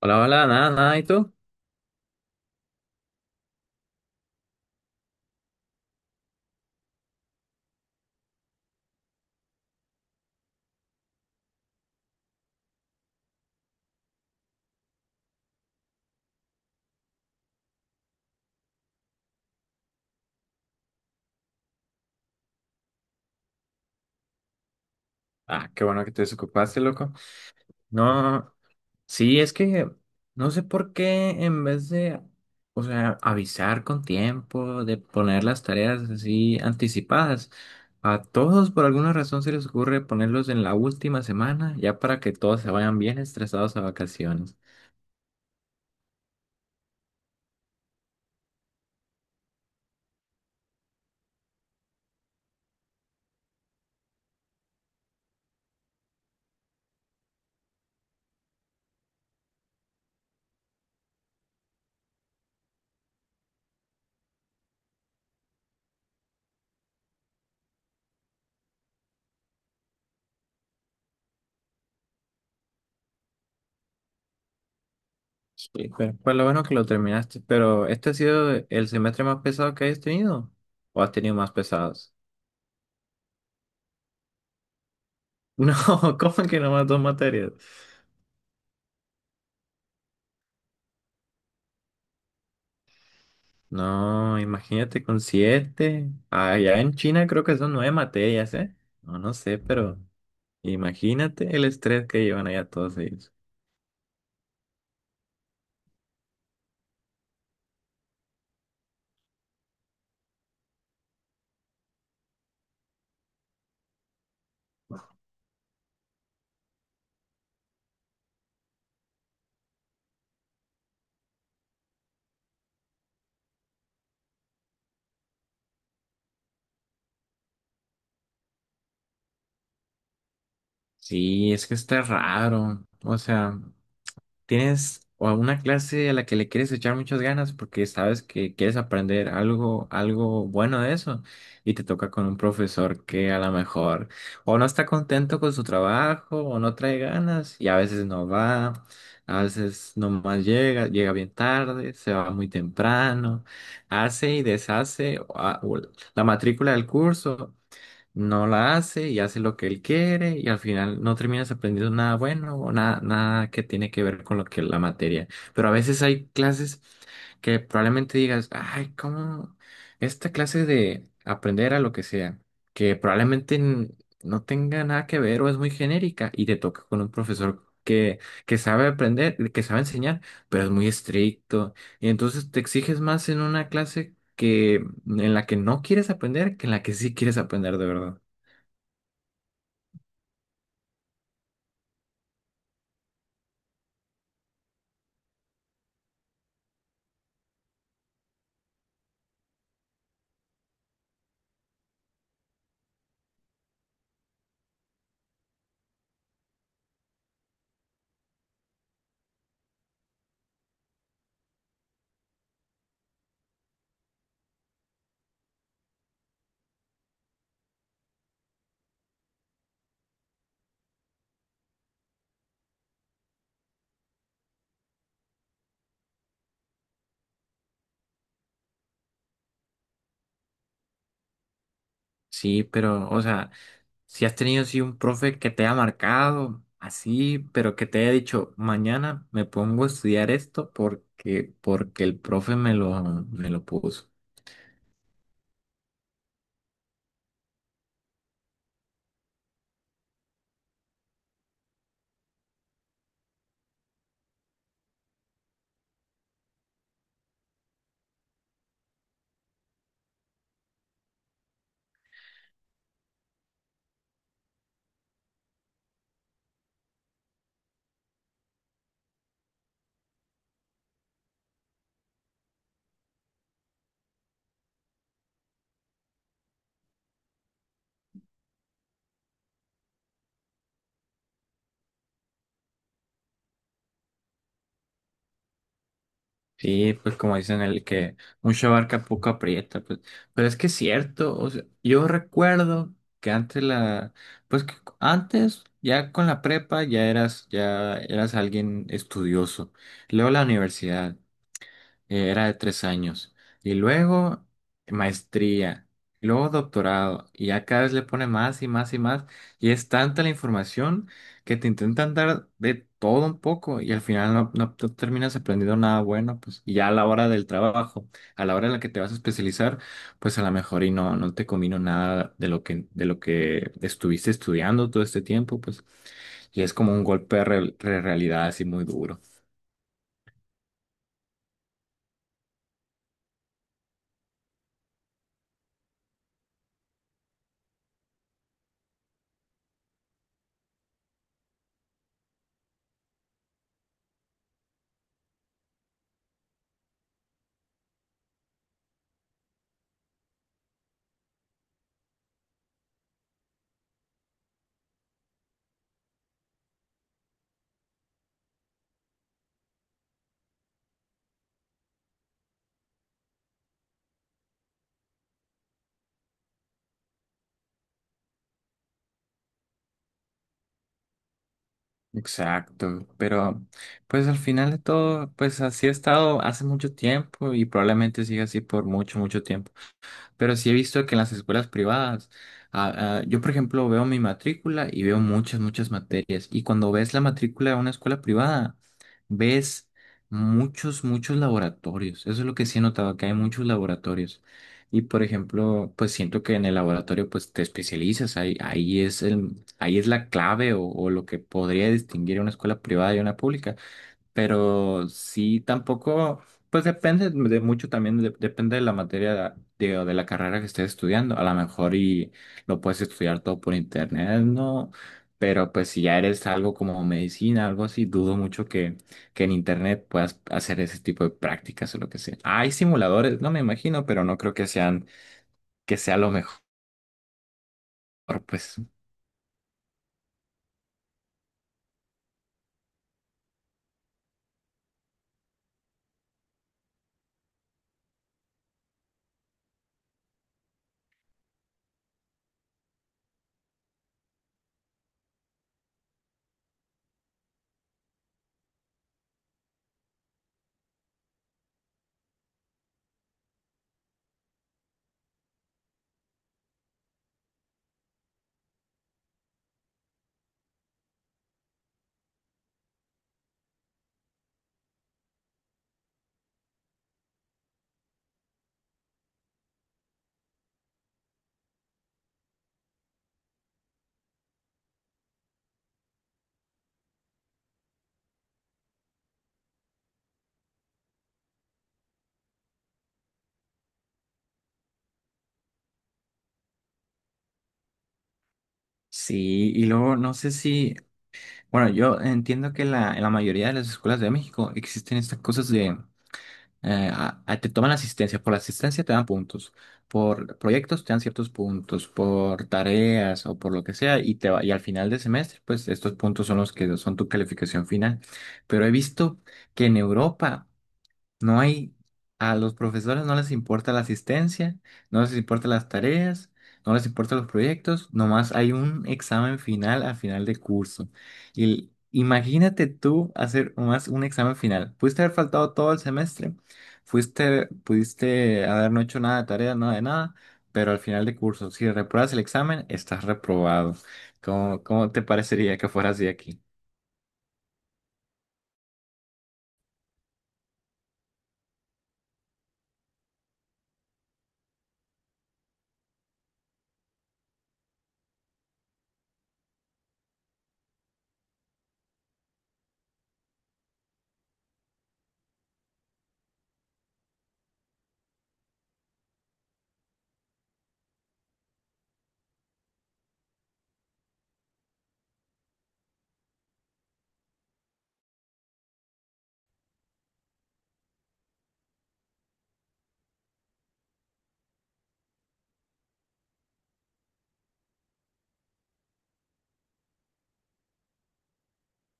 Hola, hola, nada, nada, ¿y tú? Ah, qué bueno que te desocupaste, loco. No, sí, es que no sé por qué en vez de, o sea, avisar con tiempo, de poner las tareas así anticipadas, a todos por alguna razón se les ocurre ponerlos en la última semana, ya para que todos se vayan bien estresados a vacaciones. Sí, pero pues lo bueno que lo terminaste, pero ¿este ha sido el semestre más pesado que hayas tenido? ¿O has tenido más pesados? No, cómo que nomás dos materias? No, imagínate con siete. Allá en China creo que son nueve materias, ¿eh? No, no sé, pero imagínate el estrés que llevan allá todos ellos. Sí, es que está raro. O sea. ¿Tienes o alguna clase a la que le quieres echar muchas ganas porque sabes que quieres aprender algo, algo bueno de eso? Y te toca con un profesor que a lo mejor o no está contento con su trabajo o no trae ganas y a veces no va, a veces nomás llega, llega bien tarde, se va muy temprano, hace y deshace o la matrícula del curso no la hace y hace lo que él quiere y al final no terminas aprendiendo nada bueno o nada, nada que tiene que ver con lo que la materia. Pero a veces hay clases que probablemente digas, ay, ¿cómo esta clase de aprender a lo que sea, que probablemente no tenga nada que ver o es muy genérica y te toca con un profesor que sabe aprender, que sabe enseñar, pero es muy estricto y entonces te exiges más en una clase que en la que no quieres aprender que en la que sí quieres aprender de verdad. Sí, pero, o sea, si has tenido así un profe que te ha marcado así, pero que te haya dicho, mañana me pongo a estudiar esto porque el profe me lo puso. Sí, pues como dicen el que mucha barca poco aprieta, pues, pero es que es cierto, o sea, yo recuerdo que antes pues que antes ya con la prepa ya eras alguien estudioso, luego la universidad era de 3 años. Y luego maestría, y luego doctorado, y ya cada vez le pone más y más y más. Y es tanta la información que te intentan dar de todo un poco y al final no, no te terminas aprendiendo nada bueno, pues y ya a la hora del trabajo, a la hora en la que te vas a especializar, pues a lo mejor y no, no te combino nada de lo que estuviste estudiando todo este tiempo, pues y es como un golpe de de realidad así muy duro. Exacto, pero pues al final de todo, pues así ha estado hace mucho tiempo y probablemente siga así por mucho, mucho tiempo. Pero sí he visto que en las escuelas privadas, ah, ah, yo por ejemplo veo mi matrícula y veo muchas, muchas materias. Y cuando ves la matrícula de una escuela privada, ves muchos, muchos laboratorios. Eso es lo que sí he notado, que hay muchos laboratorios. Y por ejemplo, pues siento que en el laboratorio pues te especializas, ahí, ahí es la clave o lo que podría distinguir a una escuela privada y a una pública, pero sí tampoco, pues depende de mucho también, depende de la materia de, o de la carrera que estés estudiando. A lo mejor y lo puedes estudiar todo por internet, ¿no? Pero pues si ya eres algo como medicina, algo así, dudo mucho que en internet puedas hacer ese tipo de prácticas o lo que sea. Hay simuladores, no me imagino, pero no creo que sean, que sea lo mejor, pues. Sí, y luego no sé si, bueno, yo entiendo que en la mayoría de las escuelas de México existen estas cosas te toman asistencia, por la asistencia te dan puntos, por proyectos te dan ciertos puntos, por tareas o por lo que sea, y, y al final de semestre, pues estos puntos son los que son tu calificación final. Pero he visto que en Europa no hay, a los profesores no les importa la asistencia, no les importa las tareas, no les importan los proyectos, nomás hay un examen final al final de curso. Y el- imagínate tú hacer nomás un examen final. Pudiste haber faltado todo el semestre, fuiste, pudiste haber no hecho nada de tarea, nada de nada, pero al final de curso, si repruebas el examen, estás reprobado. ¿Cómo te parecería que fuera así aquí?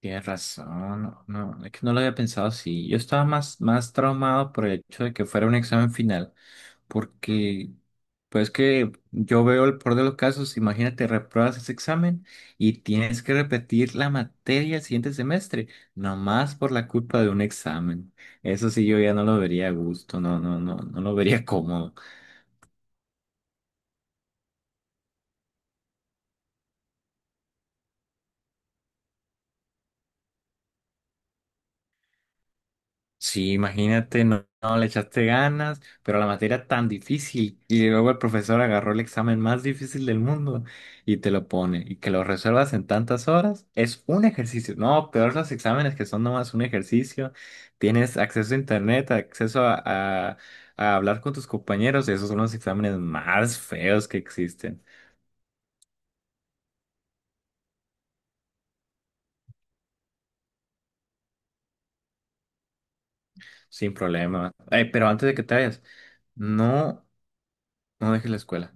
Tienes razón, no, no, es que no lo había pensado así. Yo estaba más, más traumado por el hecho de que fuera un examen final, porque pues que yo veo el peor de los casos, imagínate, repruebas ese examen y tienes que repetir la materia el siguiente semestre, nomás por la culpa de un examen. Eso sí, yo ya no lo vería a gusto, no, no, no, no lo vería cómodo. Sí, imagínate, no, no le echaste ganas, pero la materia era tan difícil y luego el profesor agarró el examen más difícil del mundo y te lo pone y que lo resuelvas en tantas horas es un ejercicio. No, peor los exámenes que son nomás un ejercicio. Tienes acceso a internet, acceso a, a hablar con tus compañeros. Esos son los exámenes más feos que existen, sin problema. Pero antes de que te vayas, no, no dejes la escuela.